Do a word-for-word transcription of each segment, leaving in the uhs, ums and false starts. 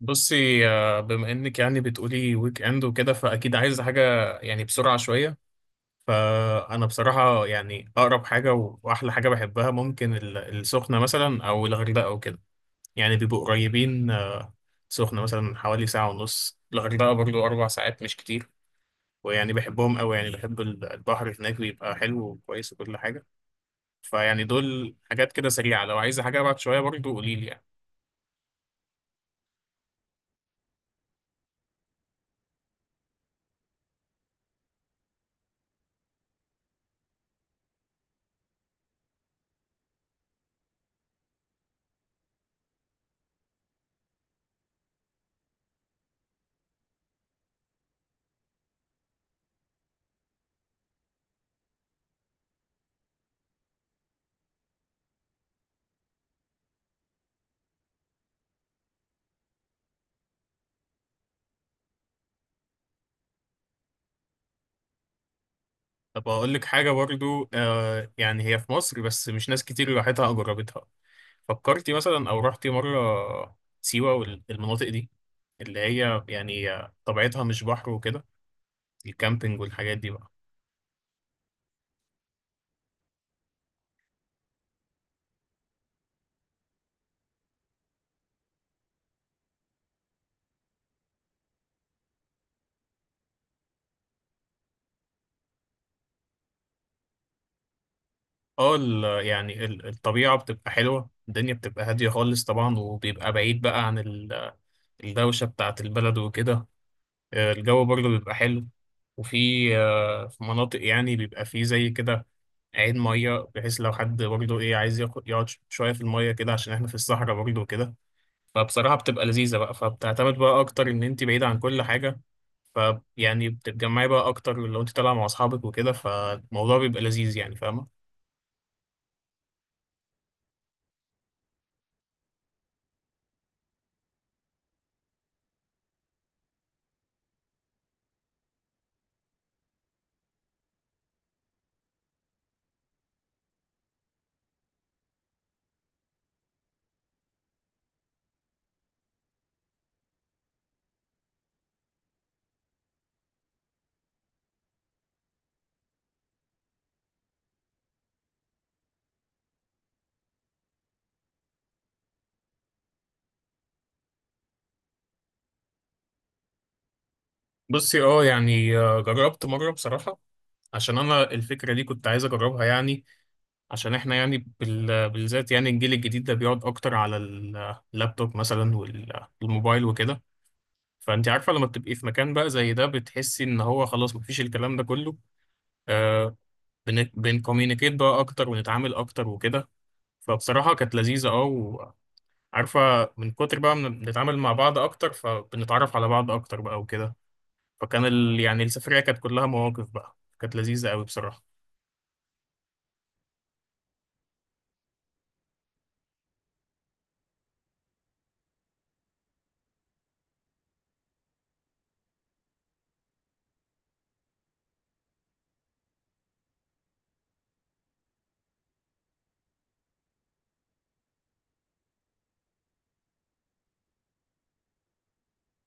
بصي آه، بما انك يعني بتقولي ويك اند وكده فاكيد عايز حاجه، يعني بسرعه شويه. فانا بصراحه يعني اقرب حاجه و- واحلى حاجه بحبها ممكن ال- السخنه مثلا او الغردقه او كده. يعني بيبقوا قريبين، آه، سخنه مثلا حوالي ساعه ونص، الغردقه برضو اربع ساعات مش كتير. ويعني بحبهم قوي، يعني بحب ال- البحر هناك بيبقى حلو وكويس وكل حاجه. فيعني دول حاجات كده سريعه، لو عايزه حاجه ابعد شويه برضو قوليلي يعني. طب أقول لك حاجة برضو، آه يعني هي في مصر بس مش ناس كتير راحتها أو جربتها. فكرتي مثلا أو رحتي مرة سيوة والمناطق دي، اللي هي يعني طبيعتها مش بحر وكده؟ الكامبينج والحاجات دي بقى. اه ال- يعني ال- الطبيعة بتبقى حلوة، الدنيا بتبقى هادية خالص طبعا، وبيبقى بعيد بقى عن ال- الدوشة بتاعة البلد وكده. آه، الجو برضه بيبقى حلو، وفي آه، في مناطق يعني بيبقى فيه زي كده عين مية، بحيث لو حد برضه إيه عايز ياخد- يقعد شوية في المية كده، عشان إحنا في الصحراء برضه وكده. فبصراحة بتبقى لذيذة بقى، فبتعتمد بقى أكتر إن أنت بعيدة عن كل حاجة. ف يعني بتتجمعي بقى اكتر لو انت طالعه مع اصحابك وكده، فالموضوع بيبقى لذيذ، يعني فاهمه؟ بصي اه يعني آه، جربت مره بصراحه، عشان انا الفكره دي كنت عايز اجربها يعني. عشان احنا يعني بال- بالذات يعني الجيل الجديد ده بيقعد اكتر على ال- اللابتوب مثلا وال- والموبايل وكده. فانت عارفه لما بتبقي في مكان بقى زي ده بتحسي ان هو خلاص مفيش الكلام ده كله، آه بن بنكوميونيكيت بقى اكتر ونتعامل اكتر وكده. فبصراحه كانت لذيذه، اه، وعارفه، من كتر بقى ما بنتعامل مع بعض اكتر فبنتعرف على بعض اكتر بقى وكده. فكان ال يعني السفريه كانت كلها مواقف بقى، كانت لذيذه قوي بصراحه.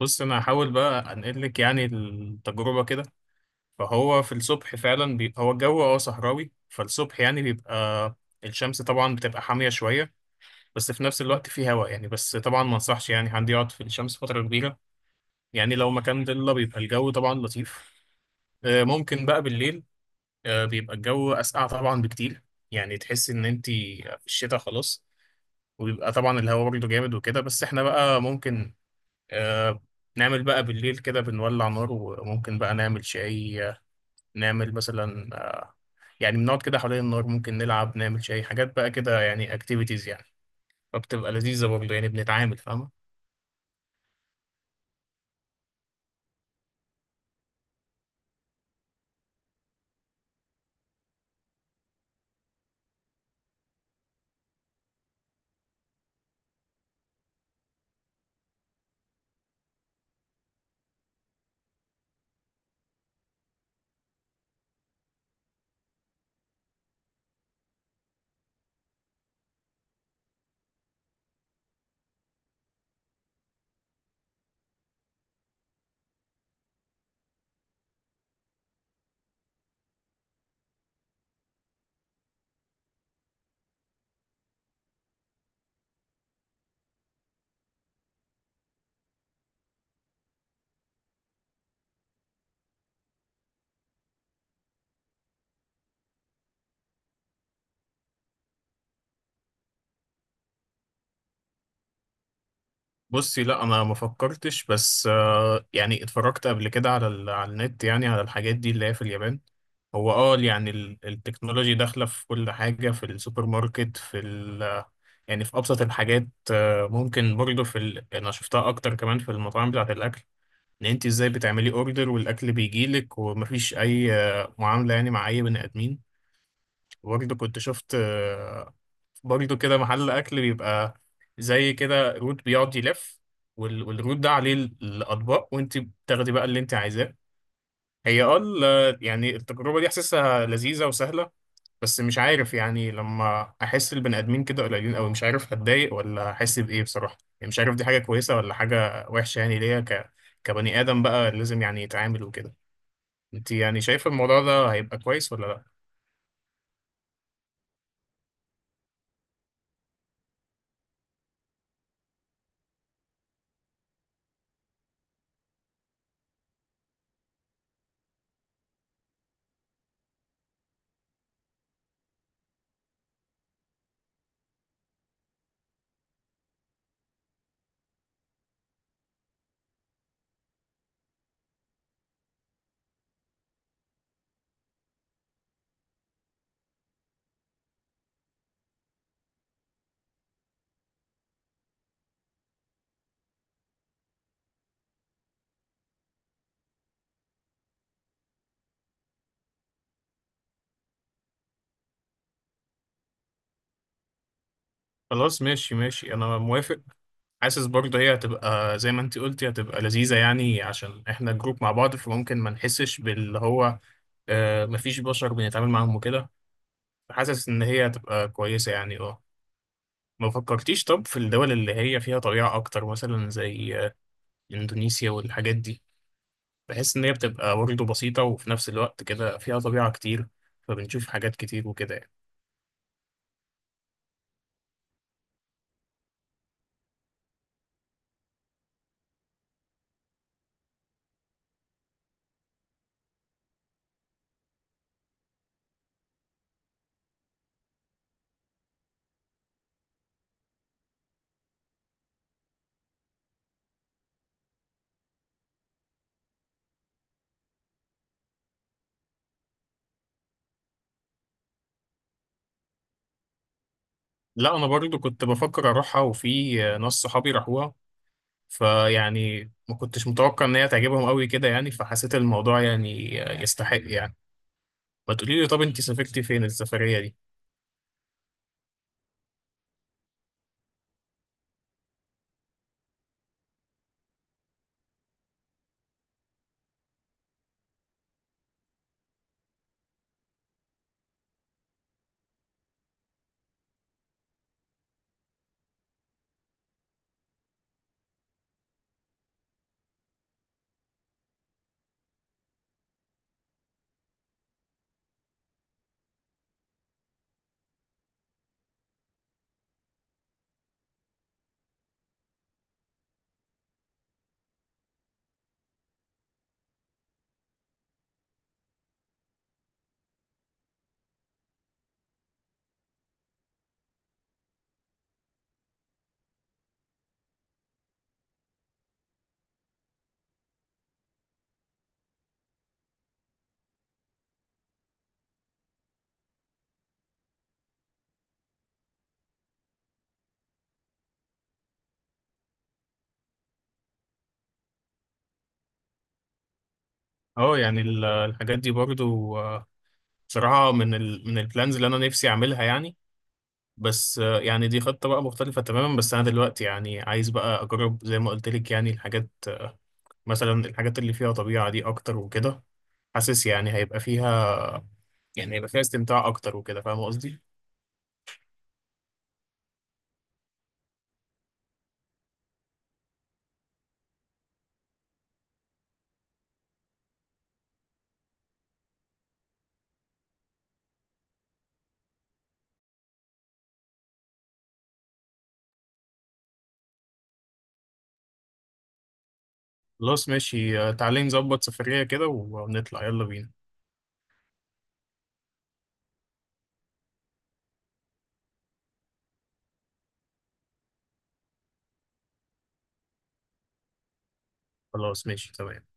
بص انا هحاول بقى انقل لك يعني التجربه كده. فهو في الصبح فعلا بي... هو الجو اه صحراوي. فالصبح يعني بيبقى الشمس طبعا بتبقى حامية شوية، بس في نفس الوقت في هواء يعني، بس طبعا ما انصحش يعني حد يقعد في الشمس فترة كبيرة. يعني لو مكان ضلة بيبقى الجو طبعا لطيف. آه، ممكن بقى بالليل، آه، بيبقى الجو أسقع طبعا بكتير، يعني تحس إن أنت في الشتاء خلاص. وبيبقى طبعا الهواء برضه جامد وكده، بس احنا بقى ممكن، آه، نعمل بقى بالليل كده، بنولع نار، وممكن بقى نعمل شاي، آه، نعمل مثلا، يعني بنقعد كده حوالين النار، ممكن نلعب، نعمل شاي، حاجات بقى كده يعني اكتيفيتيز يعني. فبتبقى لذيذة برضه، يعني بنتعامل، فاهمة؟ بصي لا، انا ما فكرتش، بس، آه، يعني اتفرجت قبل كده على ال- على النت يعني على الحاجات دي اللي هي في اليابان. هو اه يعني ال- التكنولوجي داخلة في كل حاجة، في السوبر ماركت، في ال يعني في أبسط الحاجات. آه، ممكن برضه في ال... أنا شفتها أكتر كمان في المطاعم بتاعة الأكل، إن أنت إزاي بتعملي أوردر والأكل بيجيلك ومفيش أي، آه، معاملة يعني مع أي بني آدمين. برضه كنت شفت، آه، برضه كده محل أكل بيبقى زي كده روت بيقعد يلف، وال- والروت ده عليه ال- الأطباق، وأنت بتاخدي بقى اللي أنت عايزاه. هي اه ال- يعني التجربة دي حاسسها لذيذة وسهلة، بس مش عارف، يعني لما أحس البني آدمين كده قليلين أوي، مش عارف هتضايق ولا أحس بإيه، بصراحة يعني مش عارف دي حاجة كويسة ولا حاجة وحشة، يعني ليا ك كبني آدم بقى لازم يعني يتعامل وكده. أنت يعني شايفة الموضوع ده هيبقى كويس ولا لأ؟ خلاص ماشي ماشي، أنا موافق. حاسس برضه هي هتبقى زي ما انت قلتي، هتبقى لذيذة يعني عشان احنا جروب مع بعض، فممكن ما نحسش باللي هو آه مفيش بشر بنتعامل معاهم وكده. فحاسس ان هي هتبقى كويسة، يعني اه. ما فكرتيش طب في الدول اللي هي فيها طبيعة اكتر، مثلا زي آه، اندونيسيا والحاجات دي؟ بحس ان هي بتبقى برضه بسيطة، وفي نفس الوقت كده فيها طبيعة كتير، فبنشوف حاجات كتير وكده يعني. لا، انا برضه كنت بفكر اروحها، وفي، آه، ناس صحابي راحوها فيعني ما كنتش متوقع ان هي تعجبهم قوي كده يعني، فحسيت الموضوع يعني يستحق يعني. ما تقولي لي، طب انت سافرتي فين السفرية دي؟ اه يعني ال- الحاجات دي برضو، آه، بصراحة من ال من البلانز اللي انا نفسي اعملها يعني. بس، آه، يعني دي خطة بقى مختلفة تماما، بس انا دلوقتي يعني عايز بقى اجرب زي ما قلت لك يعني الحاجات، آه، مثلا الحاجات اللي فيها طبيعة دي اكتر وكده. حاسس يعني هيبقى فيها، يعني هيبقى فيها استمتاع اكتر وكده، فاهم قصدي؟ خلاص ماشي، آه، تعالي نظبط سفرية كده ونطلع، يلا بينا. خلاص ماشي تمام.